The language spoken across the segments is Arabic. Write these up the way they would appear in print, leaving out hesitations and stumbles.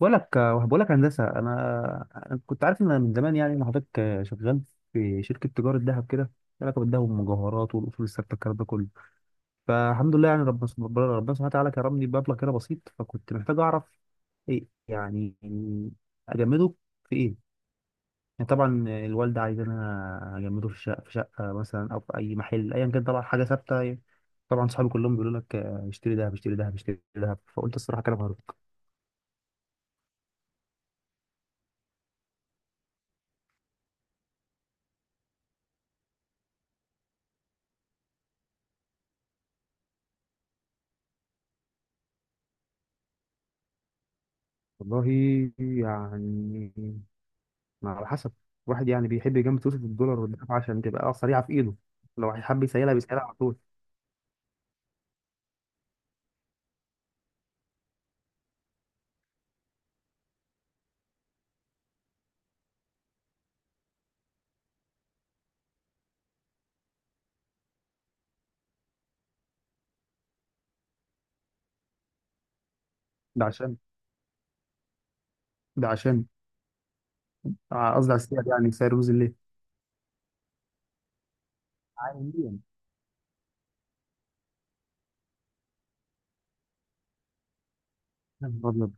بقول لك هندسه، انا كنت عارف ان أنا من زمان يعني ان حضرتك شغال في شركه تجاره ذهب كده ليها علاقه بالذهب والمجوهرات والاصول الثابته الكلام ده كله. فالحمد لله يعني ربنا ربنا سبحانه وتعالى كرمني بمبلغ كده بسيط، فكنت محتاج اعرف ايه يعني اجمده في ايه؟ يعني طبعا الوالده عايزانا اجمده في شقه في شقه مثلا او في اي محل ايا كان، طبعا حاجه ثابته يعني. طبعا صحابي كلهم بيقولوا لك آه، اشتري ذهب اشتري ذهب اشتري ذهب، فقلت الصراحه كلام هارد. والله يعني ما على حسب، واحد يعني بيحب يجمد فلوسه في الدولار والدراهم عشان تبقى سريعه في ايده، لو هيحب يسيلها بيسيلها على طول. ده عشان ده عشان قصدي على السعر يعني سعر رموز الليل عالميا. يا نهار ابيض.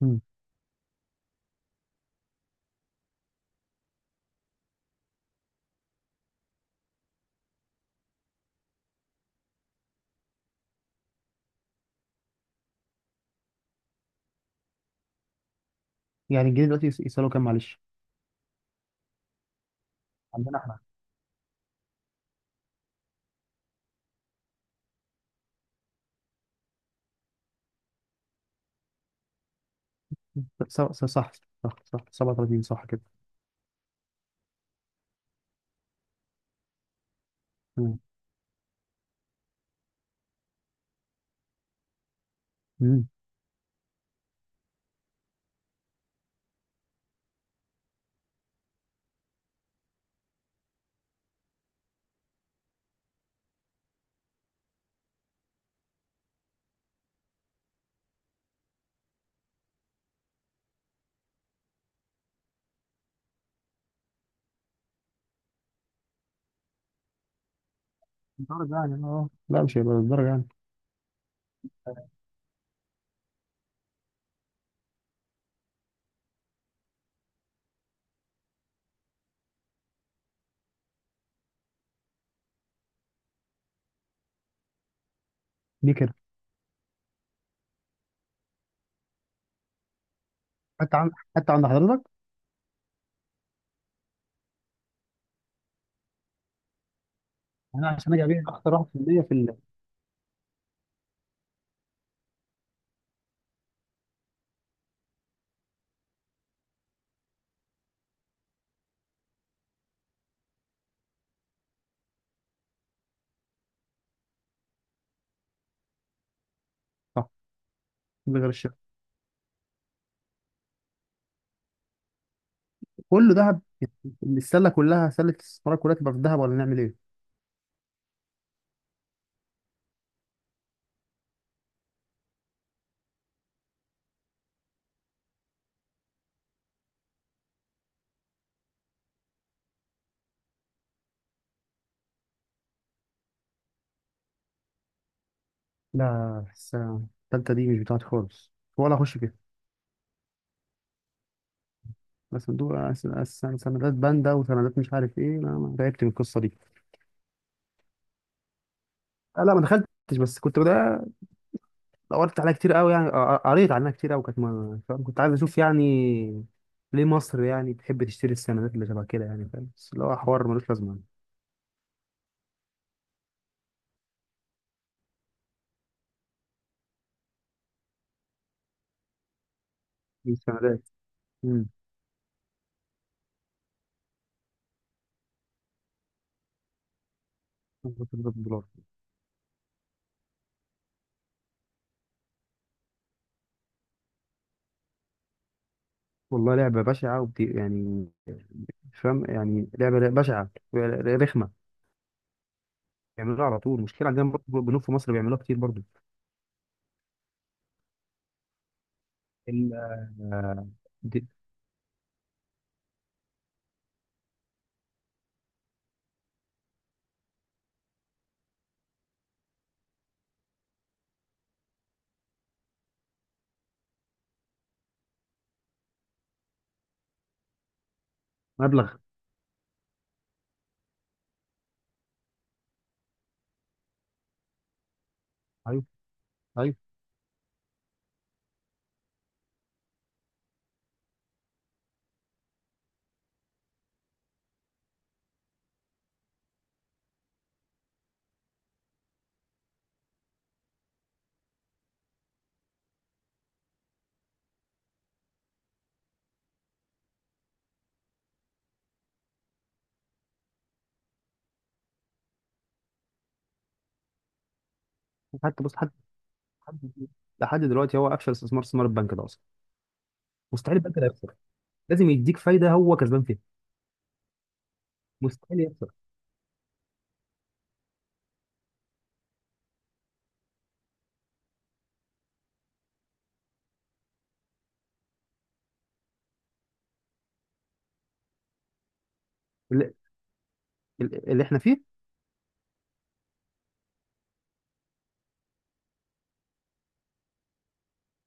مم. يعني الجنيه دلوقتي يسألوا كام معلش؟ عندنا احنا. صح صح صح 37 صح كده. مم. مم. الدرجة يعني اه لا مش هيبقى الدرجة يعني. دي كده. حتى عند حضرتك، انا عشان اجي ابيع اخسر 1% في المية في صح. من غير الشهر كله ذهب، السله كلها سله الاستثمار كلها تبقى في الذهب ولا نعمل ايه؟ لا السنة التالتة دي مش بتاعتي خالص، ولا أخش فيها. بس دول سندات باندا وسندات مش عارف إيه، لا ما تعبت من القصة دي. آه، لا ما دخلتش، بس كنت بدأ دورت عليها كتير قوي يعني. آه، آه، قريت عنها كتير قوي، كانت فاهم؟ كنت عايز أشوف يعني ليه مصر يعني بتحب تشتري السندات اللي شبه كده يعني فاهم، بس اللي هو حوار ملوش لازمة يعني. دي السندات. امم دولار. والله لعبة بشعة يعني مش فاهم يعني، لعبة بشعة رخمة. بيعملوها على طول، مشكلة عندنا برضه بنوك في مصر بيعملوها كتير برضه. ال- آه، دي- مبلغ. ايوه ايوه. حتى بص حد لحد دلوقتي هو افشل استثمار البنك ده اصلا. مستحيل البنك ده يخسر، لازم يديك فايده هو كسبان فيها. مستحيل يخسر. اللي, اللي احنا فيه.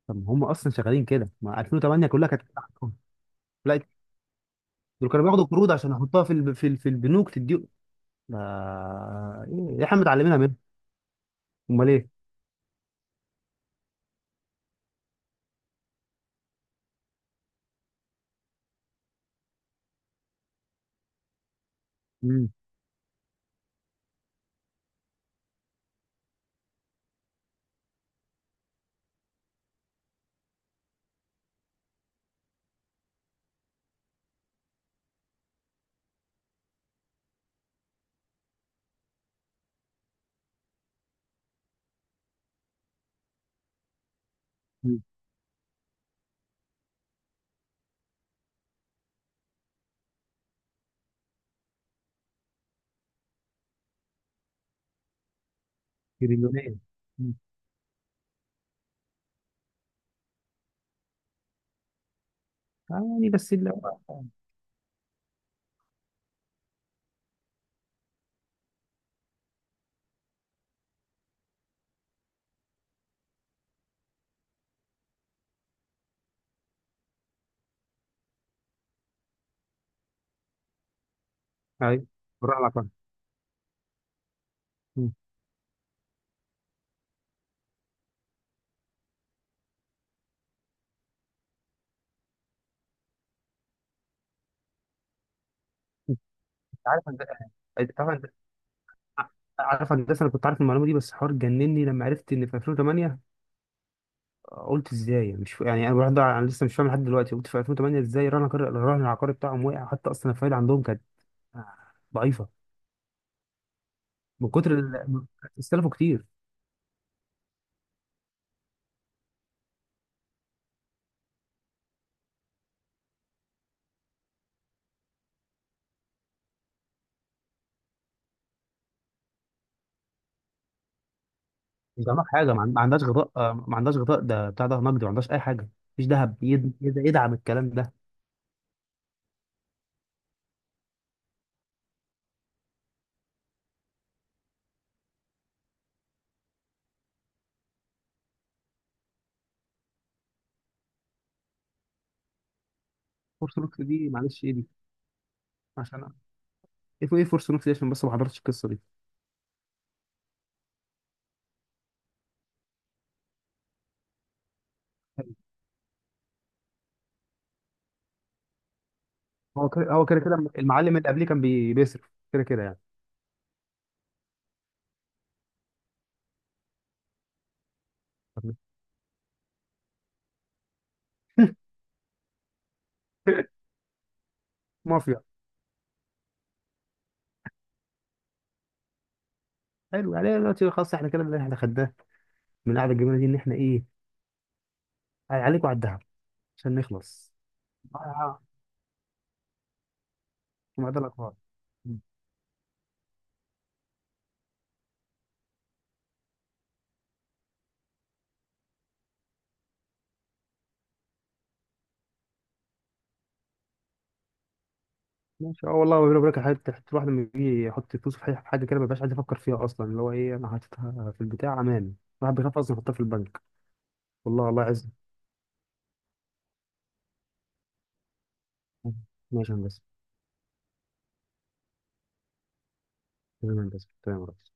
طب ما هم اصلا شغالين كده ما 2008 كلها كانت كده عندهم. لا دول كانوا بياخدوا قروض عشان يحطوها في البنوك تدي. ما... ايه احنا متعلمينها منهم. امال ايه. مم. مم. تريليونيه. مم. يعني بس اللي هو ايوه. بالراحه مع الفرق. مم. انت عارف انت، طبعا عارف هندسه انا كنت عارف المعلومه دي، بس حوار جنني لما عرفت ان في 2008. قلت ازاي مش ف... يعني انا برضه انا لسه مش فاهم لحد دلوقتي. قلت في 2008 ازاي الرهن العقاري بتاعهم وقع؟ حتى اصلا الفايده عندهم كانت ضعيفه. من كتر ال... استلفوا كتير. مش عندها حاجه، ما عندهاش غطاء آه، ما عندهاش غطاء ده بتاع ده نقدي، ما عندهاش اي حاجه مفيش ذهب يدعم الكلام ده. فورس نوكس دي معلش ايه دي؟ عشان ايه ايه فورس نوكس دي عشان بس ما حضرتش القصه دي. هو كده المعلم اللي قبليه كان بيصرف كده كده يعني. مافيا. حلو يعني، أنا دلوقتي خلاص احنا كده اللي احنا خدناه من القعده الجميله دي ان احنا ايه؟ عليك وعلى الدهب، عشان نخلص. آه، ما ده الاخبار. ماشي اه والله بيقول لك حاجه، الواحد لما بيجي يحط فلوسه في حاجة كده ما بيبقاش عايز يفكر فيها اصلا اللي هو ايه انا حاططها في البتاع امان. الواحد بيخاف اصلا يحطها في البنك. والله الله يعزك. ماشي يا هندسه، تمام يا هندسه تمام يا ريس.